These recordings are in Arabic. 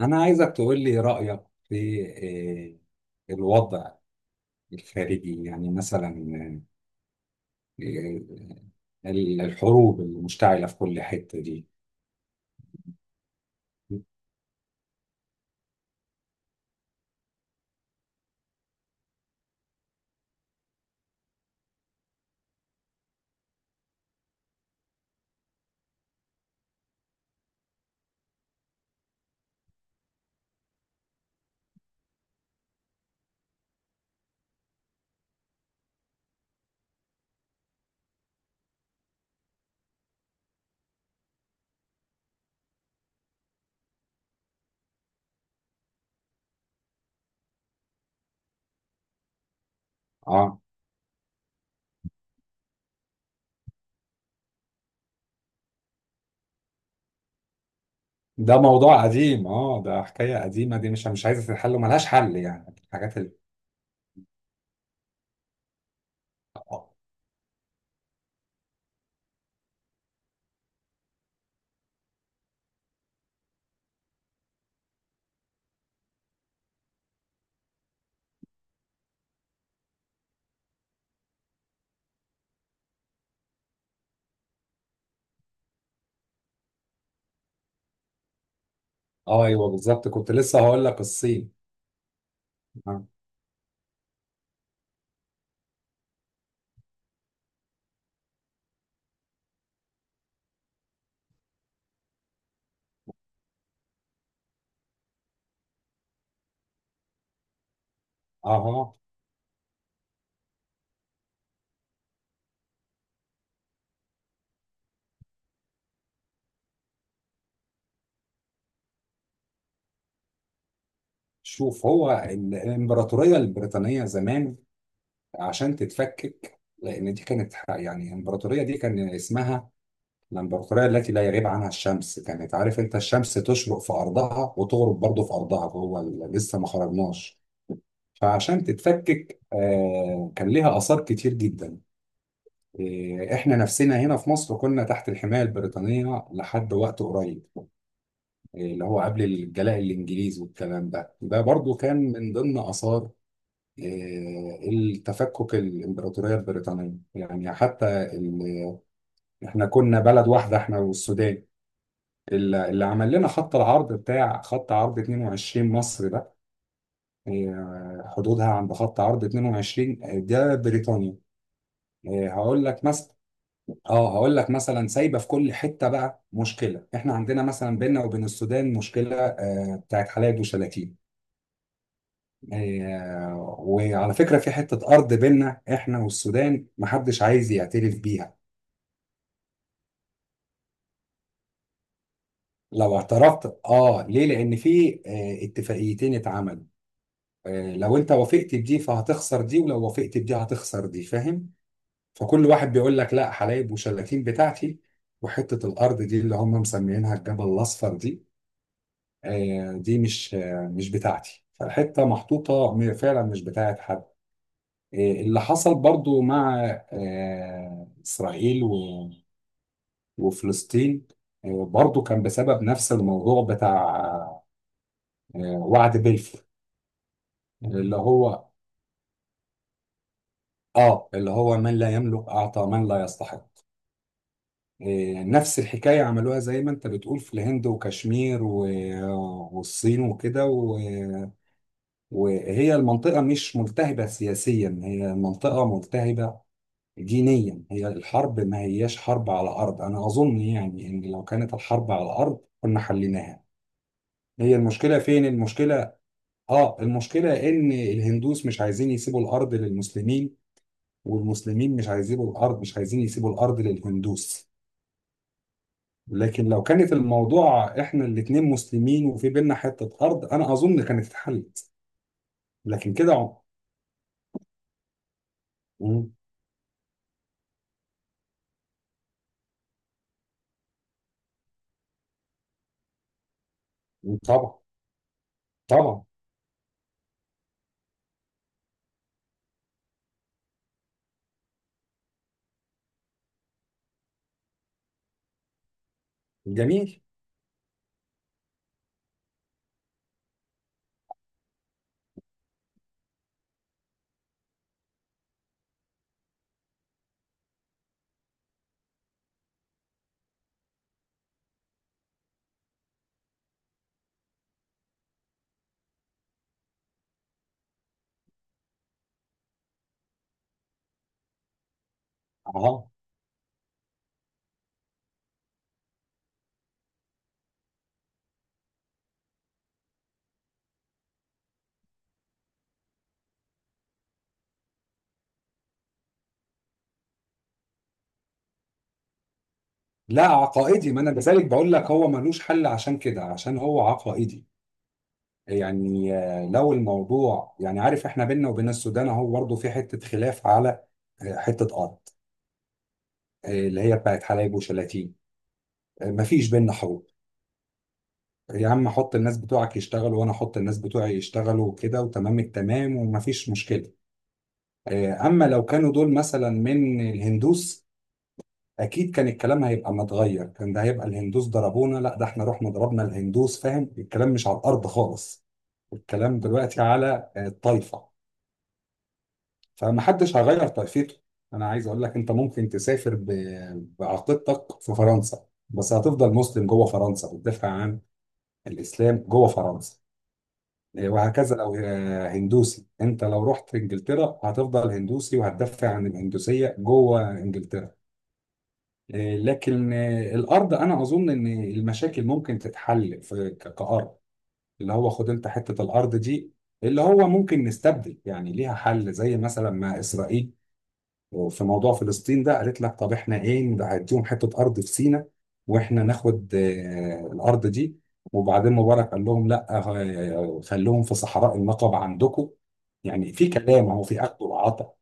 أنا عايزك تقول لي رأيك في الوضع الخارجي، يعني مثلا آه، الحروب المشتعلة في كل حتة دي. اه ده موضوع قديم، ده حكاية قديمة دي مش عايزة تتحل وملهاش حل يعني الحاجات اللي اه ايوه بالظبط، كنت لسه هقول لك الصين. اه اه شوف، هو الامبراطوريه البريطانيه زمان عشان تتفكك، لان دي كانت يعني الامبراطوريه دي كان اسمها الامبراطوريه التي لا يغيب عنها الشمس، كانت عارف انت الشمس تشرق في ارضها وتغرب برضه في ارضها. هو لسه ما خرجناش. فعشان تتفكك كان ليها اثار كتير جدا. احنا نفسنا هنا في مصر كنا تحت الحمايه البريطانيه لحد وقت قريب، اللي هو قبل الجلاء الانجليزي والكلام ده، ده برضه كان من ضمن اثار التفكك الامبراطوريه البريطانيه. يعني حتى احنا كنا بلد واحده، احنا والسودان. اللي عمل لنا خط العرض بتاع خط عرض 22 مصر ده. حدودها عند خط عرض 22، ده بريطانيا. هقول لك مثلا، اه هقول لك مثلا سايبه في كل حته بقى مشكله. احنا عندنا مثلا بيننا وبين السودان مشكله، بتاعت حلايب وشلاتين. وعلى فكرة في حتة أرض بينا إحنا والسودان محدش عايز يعترف بيها. لو اعترفت؟ آه، ليه؟ لأن في اتفاقيتين اتعملوا، لو أنت وافقت بدي فهتخسر دي، ولو وافقت بدي هتخسر دي، فاهم؟ فكل واحد بيقول لك لا، حلايب وشلاتين بتاعتي. وحتة الأرض دي اللي هم مسميينها الجبل الأصفر دي، دي مش بتاعتي، فالحتة محطوطة فعلا مش بتاعت حد. إيه اللي حصل برضو مع إسرائيل وفلسطين؟ برضو كان بسبب نفس الموضوع بتاع وعد بلفور، اللي هو اللي هو من لا يملك أعطى من لا يستحق. نفس الحكاية عملوها زي ما أنت بتقول في الهند وكشمير والصين وكده وهي المنطقة مش ملتهبة سياسيا، هي المنطقة ملتهبة دينيا. هي الحرب ما هياش حرب على الأرض، أنا أظن يعني إن لو كانت الحرب على الأرض كنا حليناها. هي المشكلة فين المشكلة؟ آه، المشكلة إن الهندوس مش عايزين يسيبوا الأرض للمسلمين، والمسلمين مش عايزين يسيبوا الأرض للهندوس. لكن لو كانت الموضوع إحنا الاتنين مسلمين وفي بينا حتة أرض أنا أظن كانت اتحلت. لكن كده مم. طبعا. طبعا. جميل. اه، لا عقائدي، ما انا لذلك بقول لك هو ملوش حل، عشان كده عشان هو عقائدي. يعني لو الموضوع يعني عارف احنا بينا وبين السودان اهو برضه في حته خلاف على حته ارض، اللي هي بتاعت حلايب وشلاتين، مفيش بينا حروب. يا عم حط الناس بتوعك يشتغلوا وانا احط الناس بتوعي يشتغلوا وكده وتمام التمام ومفيش مشكله. اما لو كانوا دول مثلا من الهندوس اكيد كان الكلام هيبقى متغير، كان ده هيبقى الهندوس ضربونا، لا ده احنا رحنا ضربنا الهندوس، فاهم؟ الكلام مش على الارض خالص، الكلام دلوقتي على الطائفه، فمحدش هيغير طائفته. انا عايز اقول لك انت ممكن تسافر بعقيدتك في فرنسا بس هتفضل مسلم جوه فرنسا بتدافع عن الاسلام جوه فرنسا. وهكذا لو هندوسي، انت لو رحت انجلترا هتفضل هندوسي وهتدافع عن الهندوسيه جوه انجلترا. لكن الارض انا اظن ان المشاكل ممكن تتحل في كارض، اللي هو خد انت حته الارض دي، اللي هو ممكن نستبدل. يعني ليها حل زي مثلا ما اسرائيل في موضوع فلسطين ده قالت لك طب احنا ايه نديهم حته ارض في سيناء واحنا ناخد الارض دي، وبعدين مبارك قال لهم لا خلوهم في صحراء النقب عندكم. يعني في كلام، اهو في اخذ وعطاء.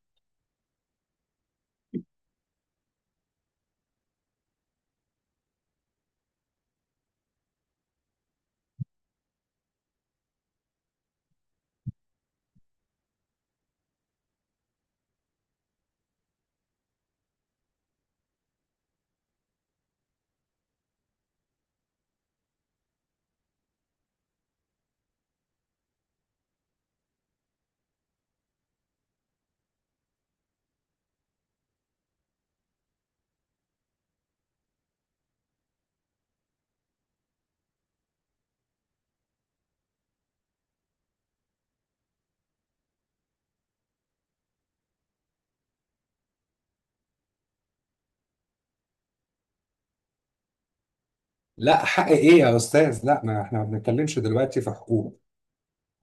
لا، حق ايه يا استاذ؟ لا، ما احنا ما بنتكلمش دلوقتي في حقوق.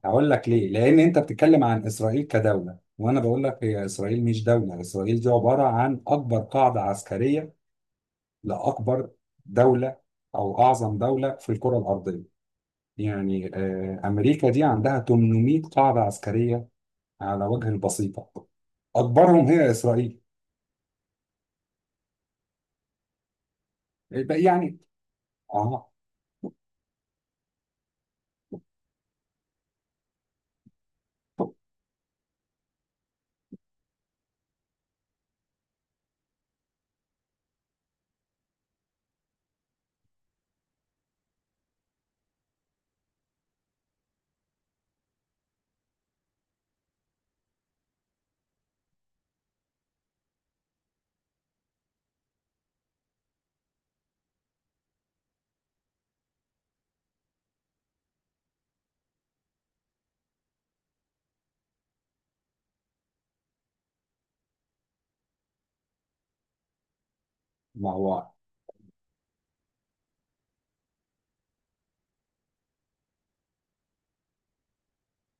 هقول لك ليه، لان انت بتتكلم عن اسرائيل كدوله وانا بقول لك هي اسرائيل مش دوله، اسرائيل دي عباره عن اكبر قاعده عسكريه لاكبر دوله او اعظم دوله في الكره الارضيه. يعني امريكا دي عندها 800 قاعده عسكريه على وجه البسيطه، اكبرهم هي اسرائيل. يبقى يعني اه. ما هو،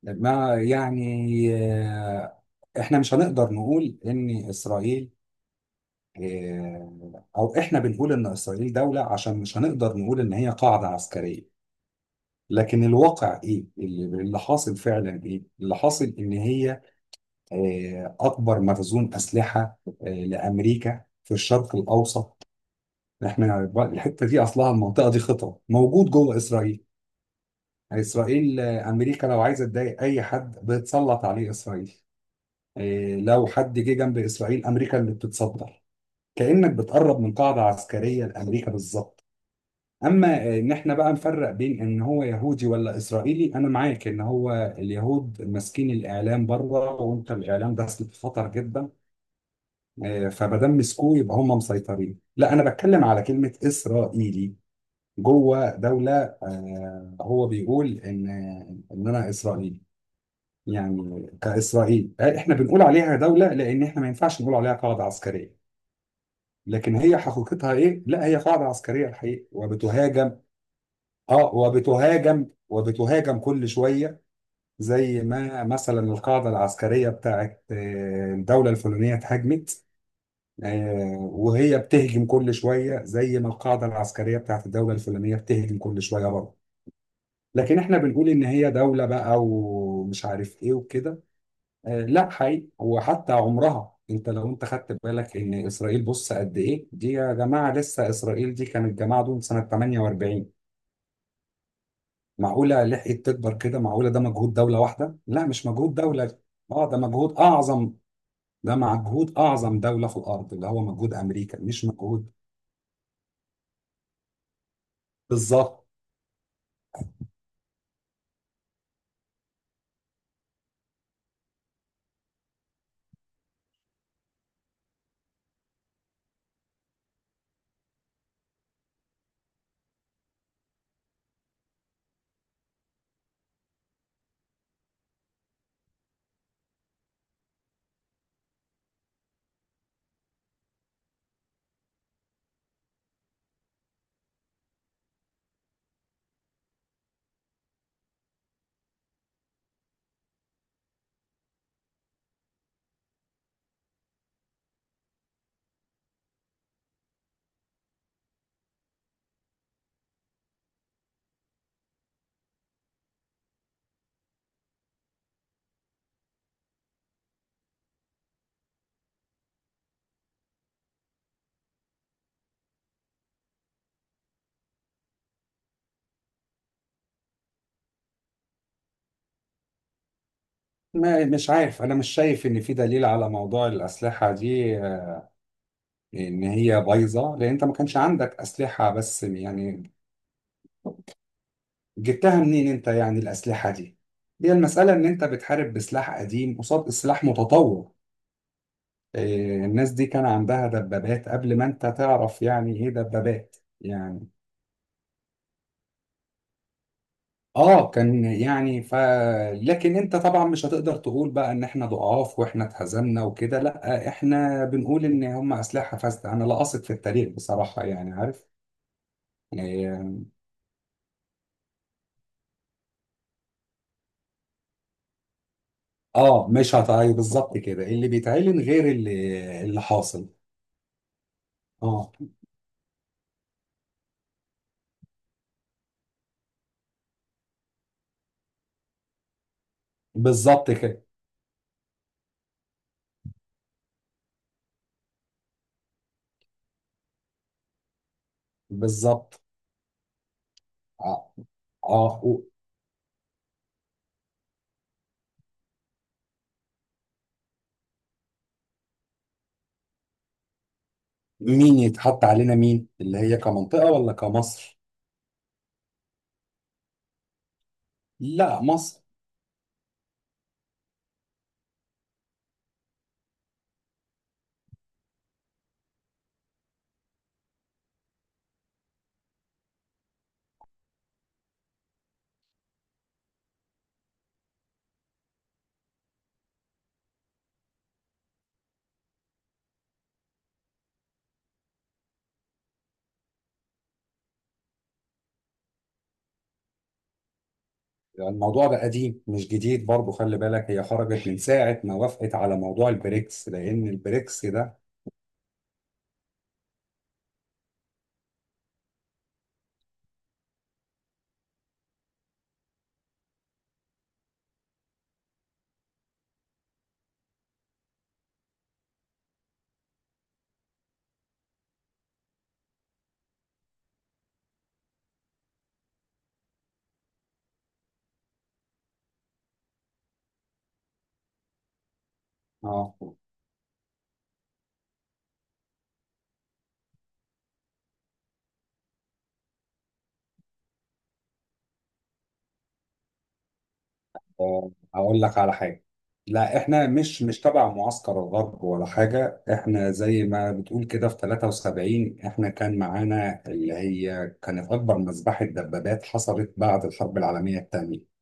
ما يعني احنا مش هنقدر نقول ان اسرائيل او احنا بنقول ان اسرائيل دولة عشان مش هنقدر نقول ان هي قاعدة عسكرية. لكن الواقع ايه اللي حاصل فعلا؟ ايه اللي حاصل ان هي اكبر مخزون اسلحة لامريكا في الشرق الاوسط. الحتة دي اصلها المنطقة دي خطر موجود جوه اسرائيل. اسرائيل امريكا لو عايزة تضايق اي حد بتسلط عليه اسرائيل. لو حد جه جنب اسرائيل امريكا اللي بتتصدر، كأنك بتقرب من قاعدة عسكرية لأمريكا بالظبط. اما ان احنا بقى نفرق بين ان هو يهودي ولا اسرائيلي، انا معاك ان هو اليهود ماسكين الاعلام بره، وانت الاعلام ده سلاح خطر جدا، فمادام مسكوه يبقى هم مسيطرين. لا انا بتكلم على كلمه اسرائيلي جوه دوله، هو بيقول ان انا اسرائيلي. يعني كاسرائيل احنا بنقول عليها دوله لان احنا ما ينفعش نقول عليها قاعده عسكريه. لكن هي حقيقتها ايه؟ لا هي قاعده عسكريه الحقيقه، وبتهاجم. اه، وبتهاجم كل شوية، زي ما مثلا القاعدة العسكرية بتاعت الدولة الفلانية اتهاجمت، وهي بتهجم كل شوية زي ما القاعدة العسكرية بتاعت الدولة الفلانية بتهجم كل شوية برضه. لكن احنا بنقول ان هي دولة بقى ومش عارف ايه وكده، لا حقيقي. وحتى عمرها، انت لو انت خدت بالك ان اسرائيل، بص قد ايه دي يا جماعة، لسه اسرائيل دي كانت جماعة دول سنة 48. معقولة لحقت تكبر كده؟ معقولة ده مجهود دولة واحدة؟ لا مش مجهود دولة، اه ده مجهود أعظم، ده مجهود أعظم دولة في الأرض، اللي هو مجهود أمريكا، مش مجهود. بالظبط. ما مش عارف، أنا مش شايف إن في دليل على موضوع الأسلحة دي إن هي بايظة، لأن أنت ما كانش عندك أسلحة بس يعني جبتها منين أنت يعني الأسلحة دي؟ هي المسألة إن أنت بتحارب بسلاح قديم قصاد سلاح متطور. الناس دي كان عندها دبابات قبل ما أنت تعرف يعني إيه دبابات يعني. اه كان يعني ف، لكن انت طبعا مش هتقدر تقول بقى ان احنا ضعاف واحنا اتهزمنا وكده، لا احنا بنقول ان هم اسلحه فاسده. انا لا اثق في التاريخ بصراحه يعني عارف يعني. اه مش هتعي بالظبط كده اللي بيتعلن غير اللي حاصل. اه بالظبط كده. بالظبط. اه اه و- مين يتحط علينا؟ مين اللي هي كمنطقه ولا كمصر؟ لا مصر. الموضوع ده قديم مش جديد برضو، خلي بالك هي خرجت من ساعة ما وافقت على موضوع البريكس، لأن البريكس ده اه هقول لك على حاجة. لا احنا مش تبع معسكر الغرب ولا حاجة، احنا زي ما بتقول كده في 73 احنا كان معانا اللي هي كانت أكبر مذبحة دبابات حصلت بعد الحرب العالمية الثانية.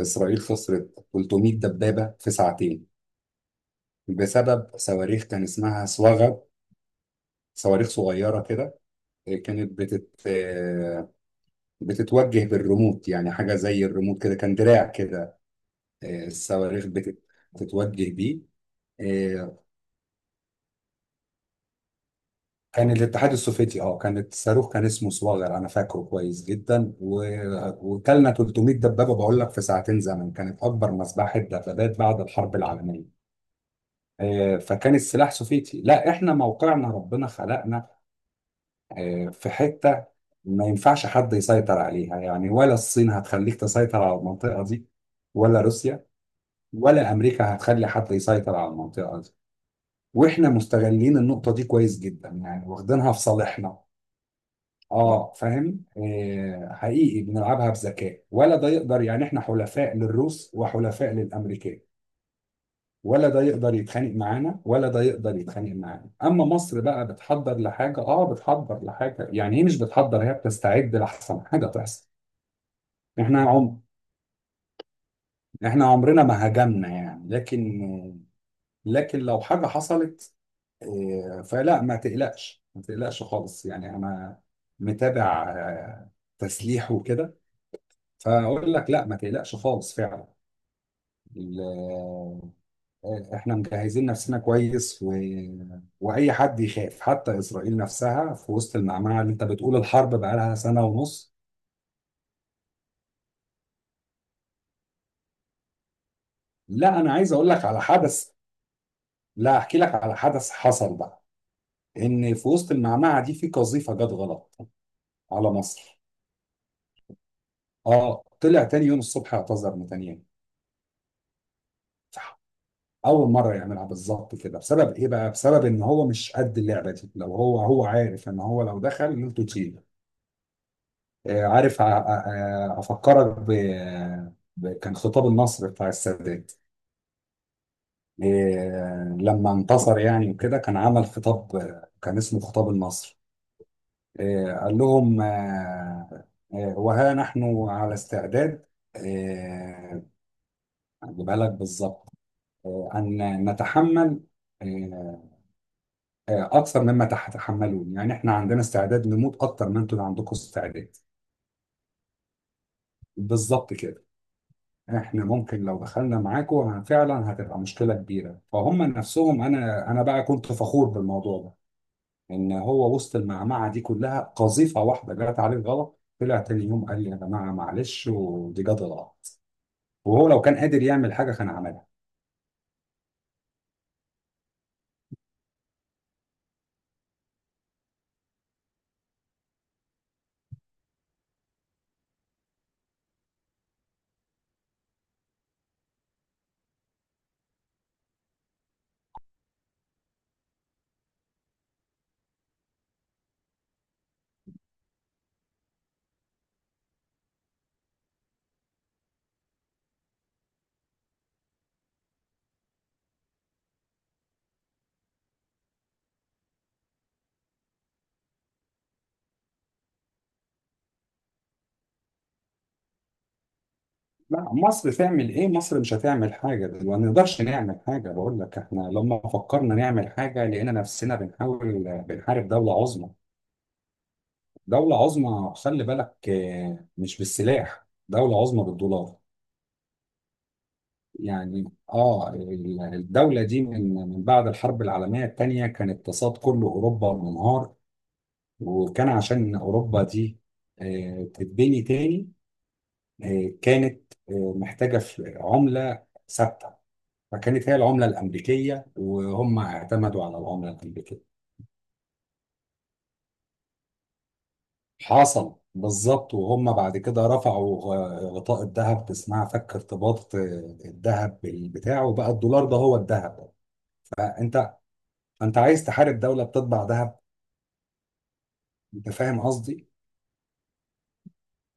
إسرائيل خسرت 300 دبابة في ساعتين بسبب صواريخ كان اسمها صواغب، صواريخ صغيرة كده، كانت بتتوجه بالريموت، يعني حاجة زي الريموت كده، كان دراع كده، الصواريخ بتتوجه بيه. آه، كان الاتحاد السوفيتي اه كانت صاروخ كان اسمه صواغر انا فاكره كويس جدا وكلنا 300 دبابة، بقول لك في ساعتين زمن، كانت اكبر مذبحة دبابات بعد الحرب العالمية. فكان السلاح سوفيتي. لا احنا موقعنا ربنا خلقنا في حتة ما ينفعش حد يسيطر عليها يعني. ولا الصين هتخليك تسيطر على المنطقة دي، ولا روسيا، ولا أمريكا هتخلي حد يسيطر على المنطقة دي. وإحنا مستغلين النقطة دي كويس جدا يعني، واخدينها في صالحنا. اه فاهم، آه حقيقي بنلعبها بذكاء، ولا ده يقدر يعني احنا حلفاء للروس وحلفاء للامريكان، ولا ده يقدر يتخانق معانا ولا ده يقدر يتخانق معانا. اما مصر بقى بتحضر لحاجه، اه بتحضر لحاجه، يعني هي مش بتحضر، هي بتستعد لاحسن حاجه تحصل. احنا عم احنا عمرنا ما هاجمنا يعني، لكن لكن لو حاجه حصلت، فلا ما تقلقش خالص يعني، انا متابع تسليح وكده، فاقول لك لا ما تقلقش خالص فعلا. ال- احنا مجهزين نفسنا كويس و... واي حد يخاف، حتى اسرائيل نفسها في وسط المعمعه اللي انت بتقول الحرب بقالها سنه ونص. لا انا عايز اقول لك على حدث، لا احكي لك على حدث حصل بقى، ان في وسط المعمعه دي في قذيفه جت غلط على مصر. اه طلع تاني يوم الصبح اعتذر نتنياهو. صح. اول مره يعملها بالظبط كده، بسبب ايه بقى؟ بسبب ان هو مش قد اللعبه دي. لو هو، هو عارف ان هو لو دخل انتوا تشيل. عارف افكرك ب... ب... كان خطاب النصر بتاع السادات لما انتصر يعني وكده، كان عمل خطاب كان اسمه خطاب النصر، قال لهم وها نحن على استعداد آه، اجيبها لك بالظبط ان نتحمل آه، اكثر مما تتحملون. يعني احنا عندنا استعداد نموت اكثر ما انتم عندكم استعداد. بالظبط كده. احنا ممكن لو دخلنا معاكم فعلا هتبقى مشكله كبيره، فهم نفسهم. انا بقى كنت فخور بالموضوع ده، ان هو وسط المعمعه دي كلها قذيفه واحده جت عليه غلط، طلع تاني يوم قال لي يا جماعه معلش ودي جت غلط، وهو لو كان قادر يعمل حاجه كان عملها. لا مصر تعمل ايه؟ مصر مش هتعمل حاجه. ما نقدرش نعمل حاجه، بقول لك احنا لما فكرنا نعمل حاجه لقينا نفسنا بنحاول بنحارب دوله عظمى. دوله عظمى خلي بالك، مش بالسلاح، دولة عظمى بالدولار. يعني اه الدولة دي من بعد الحرب العالمية الثانية كان اقتصاد كل أوروبا منهار، وكان عشان أوروبا دي تتبني تاني، كانت محتاجة عملة ثابتة، فكانت هي العملة الأمريكية، وهم اعتمدوا على العملة الأمريكية. حصل بالظبط. وهم بعد كده رفعوا غطاء الذهب، اسمها فك ارتباط الذهب بتاعه، بقى الدولار ده هو الذهب. فانت انت عايز تحارب دولة بتطبع ذهب؟ انت فاهم قصدي؟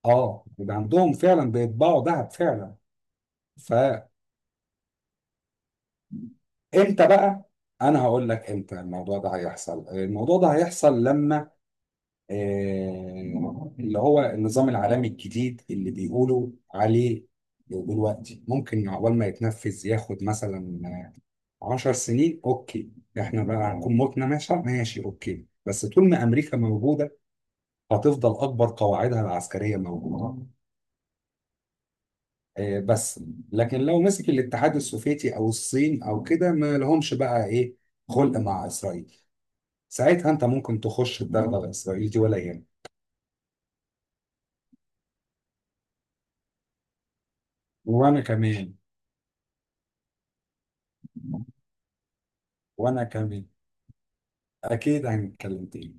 اه، يبقى عندهم فعلا بيطبعوا ذهب فعلا. فامتى بقى؟ انا هقول لك امتى الموضوع ده هيحصل. الموضوع ده هيحصل لما اللي هو النظام العالمي الجديد اللي بيقولوا عليه دلوقتي، ممكن عقبال ما يتنفذ ياخد مثلا 10 سنين. اوكي احنا بقى هنكون متنا، ماشي ماشي اوكي، بس طول ما امريكا موجوده هتفضل اكبر قواعدها العسكريه موجوده بس. لكن لو مسك الاتحاد السوفيتي او الصين او كده ما لهمش بقى ايه خلق مع اسرائيل، ساعتها انت ممكن تخش الدغدغه الاسرائيلي دي ولا يهمك. وانا كمان، وانا كمان، اكيد هنتكلم تاني.